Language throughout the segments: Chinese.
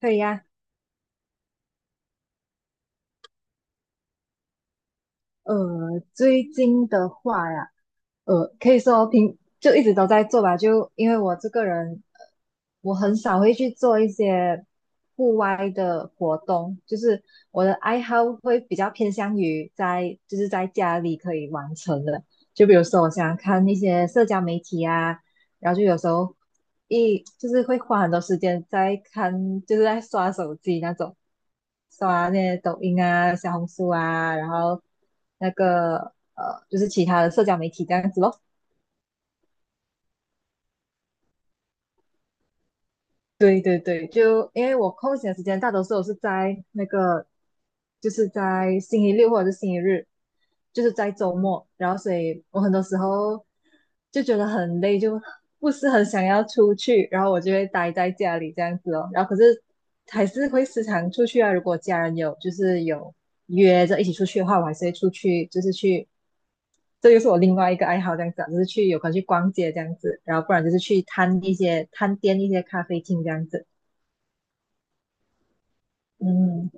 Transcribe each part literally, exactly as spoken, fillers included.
可以呀。呃，最近的话呀，呃，可以说平就一直都在做吧，就因为我这个人，呃我很少会去做一些户外的活动，就是我的爱好会比较偏向于在就是在家里可以完成的，就比如说我想看一些社交媒体啊，然后就有时候一就是会花很多时间在看，就是在刷手机那种，刷那些抖音啊、小红书啊，然后那个呃，就是其他的社交媒体这样子咯。对对对，就因为我空闲的时间大多数我是在那个，就是在星期六或者是星期日，就是在周末，然后所以我很多时候就觉得很累，就不是很想要出去，然后我就会待在家里这样子哦。然后可是还是会时常出去啊，如果家人有就是有约着一起出去的话，我还是会出去，就是去。这就是我另外一个爱好，这样子啊，就是去有空去逛街这样子，然后不然就是去探一些探店一些咖啡厅这样子。嗯，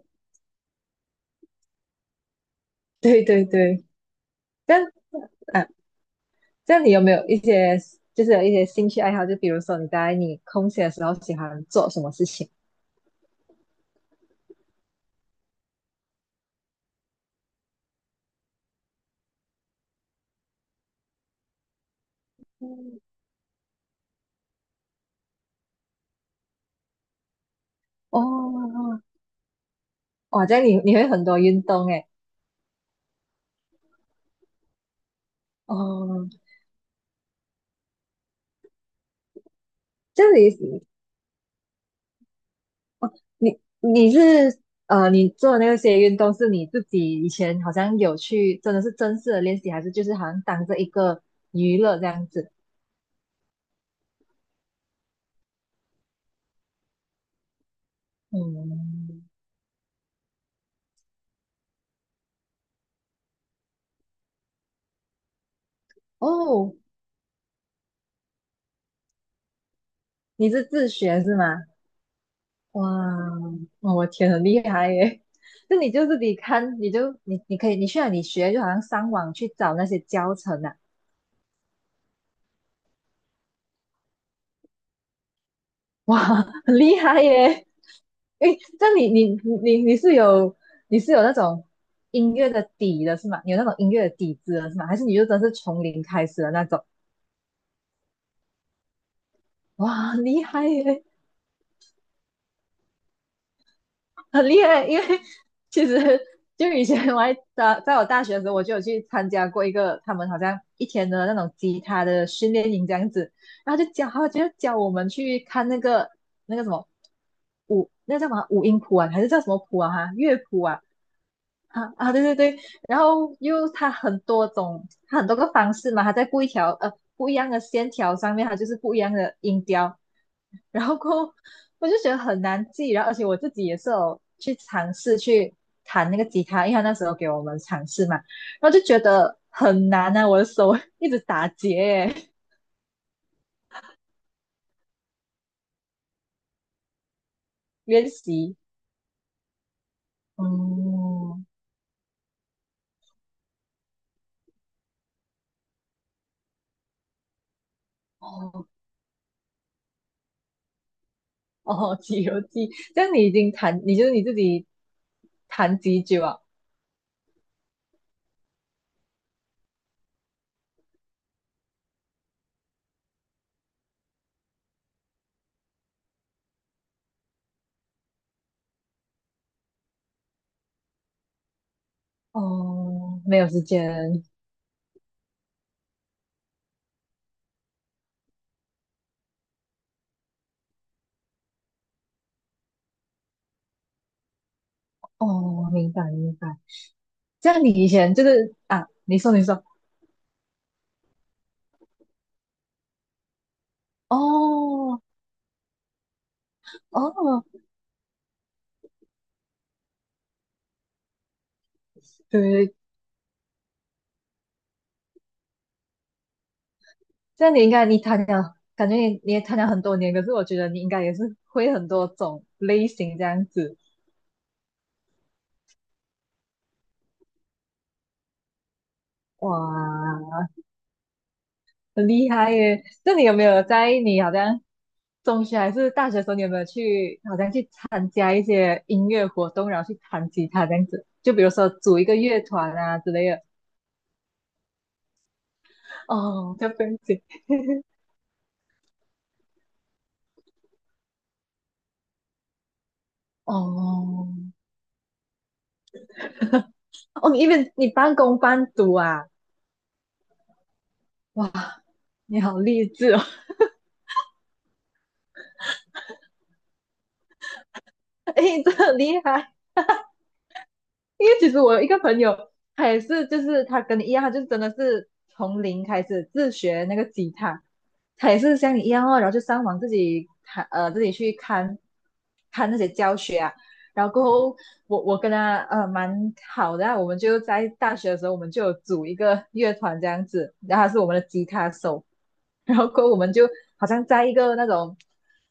对对对，这样啊，这样你有没有一些就是有一些兴趣爱好？就比如说你在你空闲的时候喜欢做什么事情？嗯，哦，哇，这样你你会很多运动诶。哦，这样你你你是呃，你做的那些运动是你自己以前好像有去，真的是正式的练习，还是就是好像当着一个娱乐这样子？嗯，哦，你是自学是吗？哇，哦我天，很厉害耶！那你就自己看，你就你你可以，你去哪里学？就好像上网去找那些教程啊，哇，很厉害耶！诶，这样你你你你是有你是有那种音乐的底的是吗？你有那种音乐的底子的是吗？还是你就真是从零开始的那种？哇，很厉害耶，很厉害！因为其实就以前我还在在我大学的时候，我就有去参加过一个他们好像一天的那种吉他的训练营这样子，然后就教他就教我们去看那个那个什么五那叫什么五音谱啊，还是叫什么谱啊？哈，乐谱啊。啊啊，对对对，然后又它很多种，它很多个方式嘛，它在不一条呃不一样的线条上面，它就是不一样的音调，然后过后我就觉得很难记，然后而且我自己也是有去尝试去弹那个吉他，因为他那时候给我们尝试嘛，然后就觉得很难啊，我的手 一直打结耶，练习，嗯，哦哦，《西游记》，这样你已经弹，你就是你自己弹几久啊？哦，没有时间。哦，明白明白。这样你以前就是啊，你说你说，哦哦，对对对这样你应该你谈了，感觉你你也谈了很多年，可是我觉得你应该也是会很多种类型这样子。哇，很厉害耶！那你有没有在你好像中学还是大学的时候，你有没有去好像去参加一些音乐活动，然后去弹吉他这样子？就比如说组一个乐团啊之类的。哦，叫 b e n 哦哦，你因为你半工半读啊，哇，你好励志哦，哎，你真的很厉害。因为其实我有一个朋友，他也是，就是他跟你一样，他就真的是从零开始自学那个吉他，他也是像你一样哦，然后就上网自己看，呃，自己去看看那些教学啊。然后过后，我我跟他呃蛮好的啊我们就在大学的时候，我们就有组一个乐团这样子，然后他是我们的吉他手，然后过后我们就好像在一个那种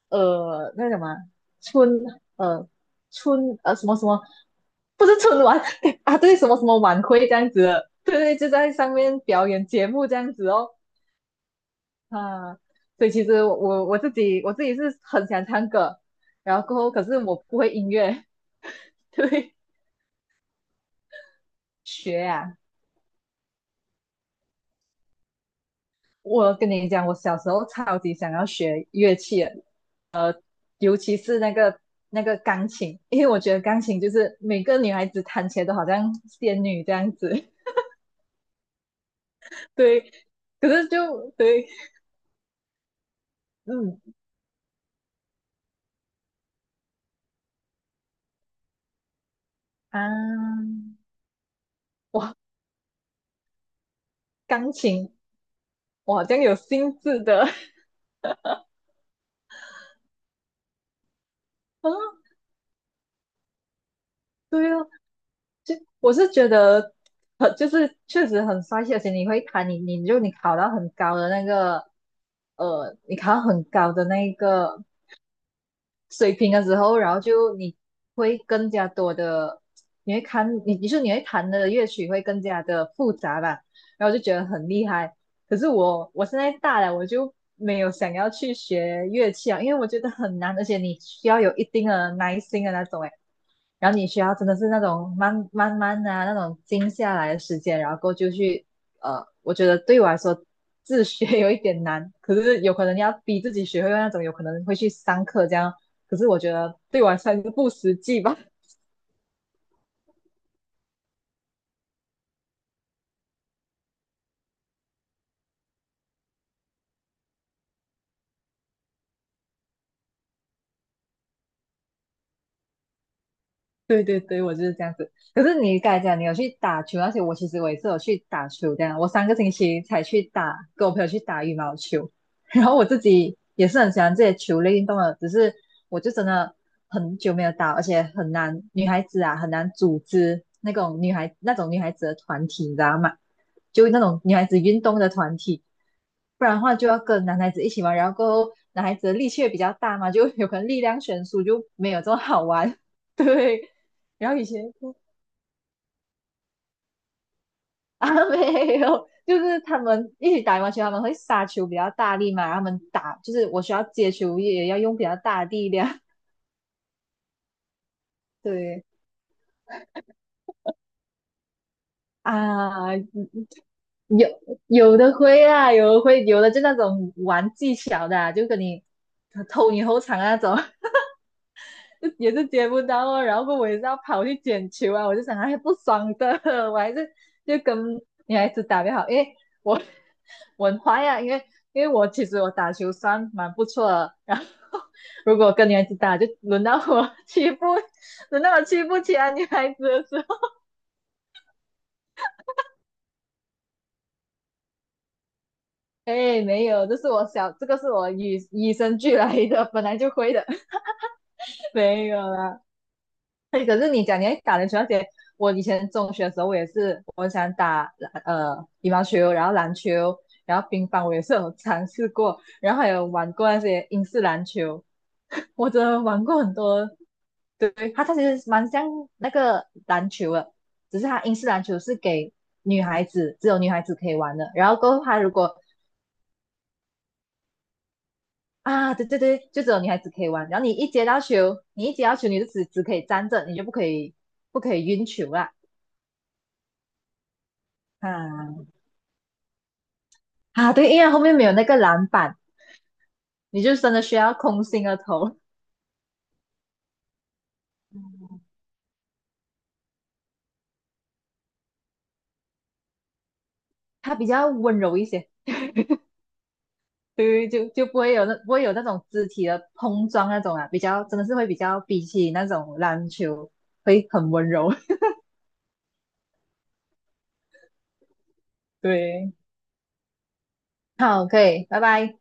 呃那个什么啊村呃春呃什么什么，不是春晚 啊，对，什么什么晚会这样子的对对，就在上面表演节目这样子哦，啊，所以其实我我自己我自己是很想唱歌，然后可是我不会音乐，对，学啊，我跟你讲，我小时候超级想要学乐器的尤其是那个。那个钢琴，因为我觉得钢琴就是每个女孩子弹起来都好像仙女这样子，对。可是就对，嗯，啊，哇，钢琴，我好像有心智的 啊，对啊，就我是觉得，呃，就是确实很帅气，而且你会弹，你你就你考到很高的那个，呃，你考到很高的那个水平的时候，然后就你会更加多的，你会看，你你说你会弹的乐曲会更加的复杂吧，然后就觉得很厉害。可是我我现在大了，我就没有想要去学乐器啊，因为我觉得很难，而且你需要有一定的耐心的那种，诶，然后你需要真的是那种慢慢慢的，那种静下来的时间，然后过就去呃，我觉得对我来说自学有一点难，可是有可能你要逼自己学会那种，有可能会去上课这样，可是我觉得对我来说还是不实际吧。对对对，我就是这样子。可是你刚才讲你有去打球那些，而且我其实我也是有去打球这样。我三个星期才去打，跟我朋友去打羽毛球。然后我自己也是很喜欢这些球类运动的，只是我就真的很久没有打，而且很难，女孩子啊很难组织那种女孩那种女孩子的团体，你知道吗？就那种女孩子运动的团体，不然的话就要跟男孩子一起玩，然后过后男孩子的力气也比较大嘛，就有可能力量悬殊就没有这么好玩。对，然后以前啊没有，就是他们一起打羽毛球，他们会杀球比较大力嘛，然后他们打就是我需要接球也要用比较大的力量。对啊，有有的会啊，有的会，有的就那种玩技巧的啊就跟你呃偷你后场啊那种。就也是接不到哦，然后我也是要跑去捡球啊，我就想哎不爽的，我还是就跟女孩子打比较好，因为我 我很坏啊，因为因为我其实我打球算蛮不错的，然后 如果跟女孩子打，就轮到我欺负，轮到我欺负其他女孩子的时候，哎没有，这是我小这个是我与与生俱来的，本来就会的，没有啦。对，可是你讲你还打篮球那些，我以前中学的时候，我也是，我很想打呃羽毛球，然后篮球，然后乒乓，我也是有尝试过，然后还有玩过那些英式篮球，我真的玩过很多。对，它它其实蛮像那个篮球的，只是它英式篮球是给女孩子，只有女孩子可以玩的。然后过后，它如果啊，对对对，就只有女孩子可以玩。然后你一接到球，你一接到球，你就只只可以站着，你就不可以不可以运球啦。啊，啊，对，因为后面没有那个篮板，你就真的需要空心的投，它比较温柔一些，对，就就不会有那不会有那种肢体的碰撞那种啊，比较真的是会比较比起那种篮球会很温柔。对，好，可以，拜拜。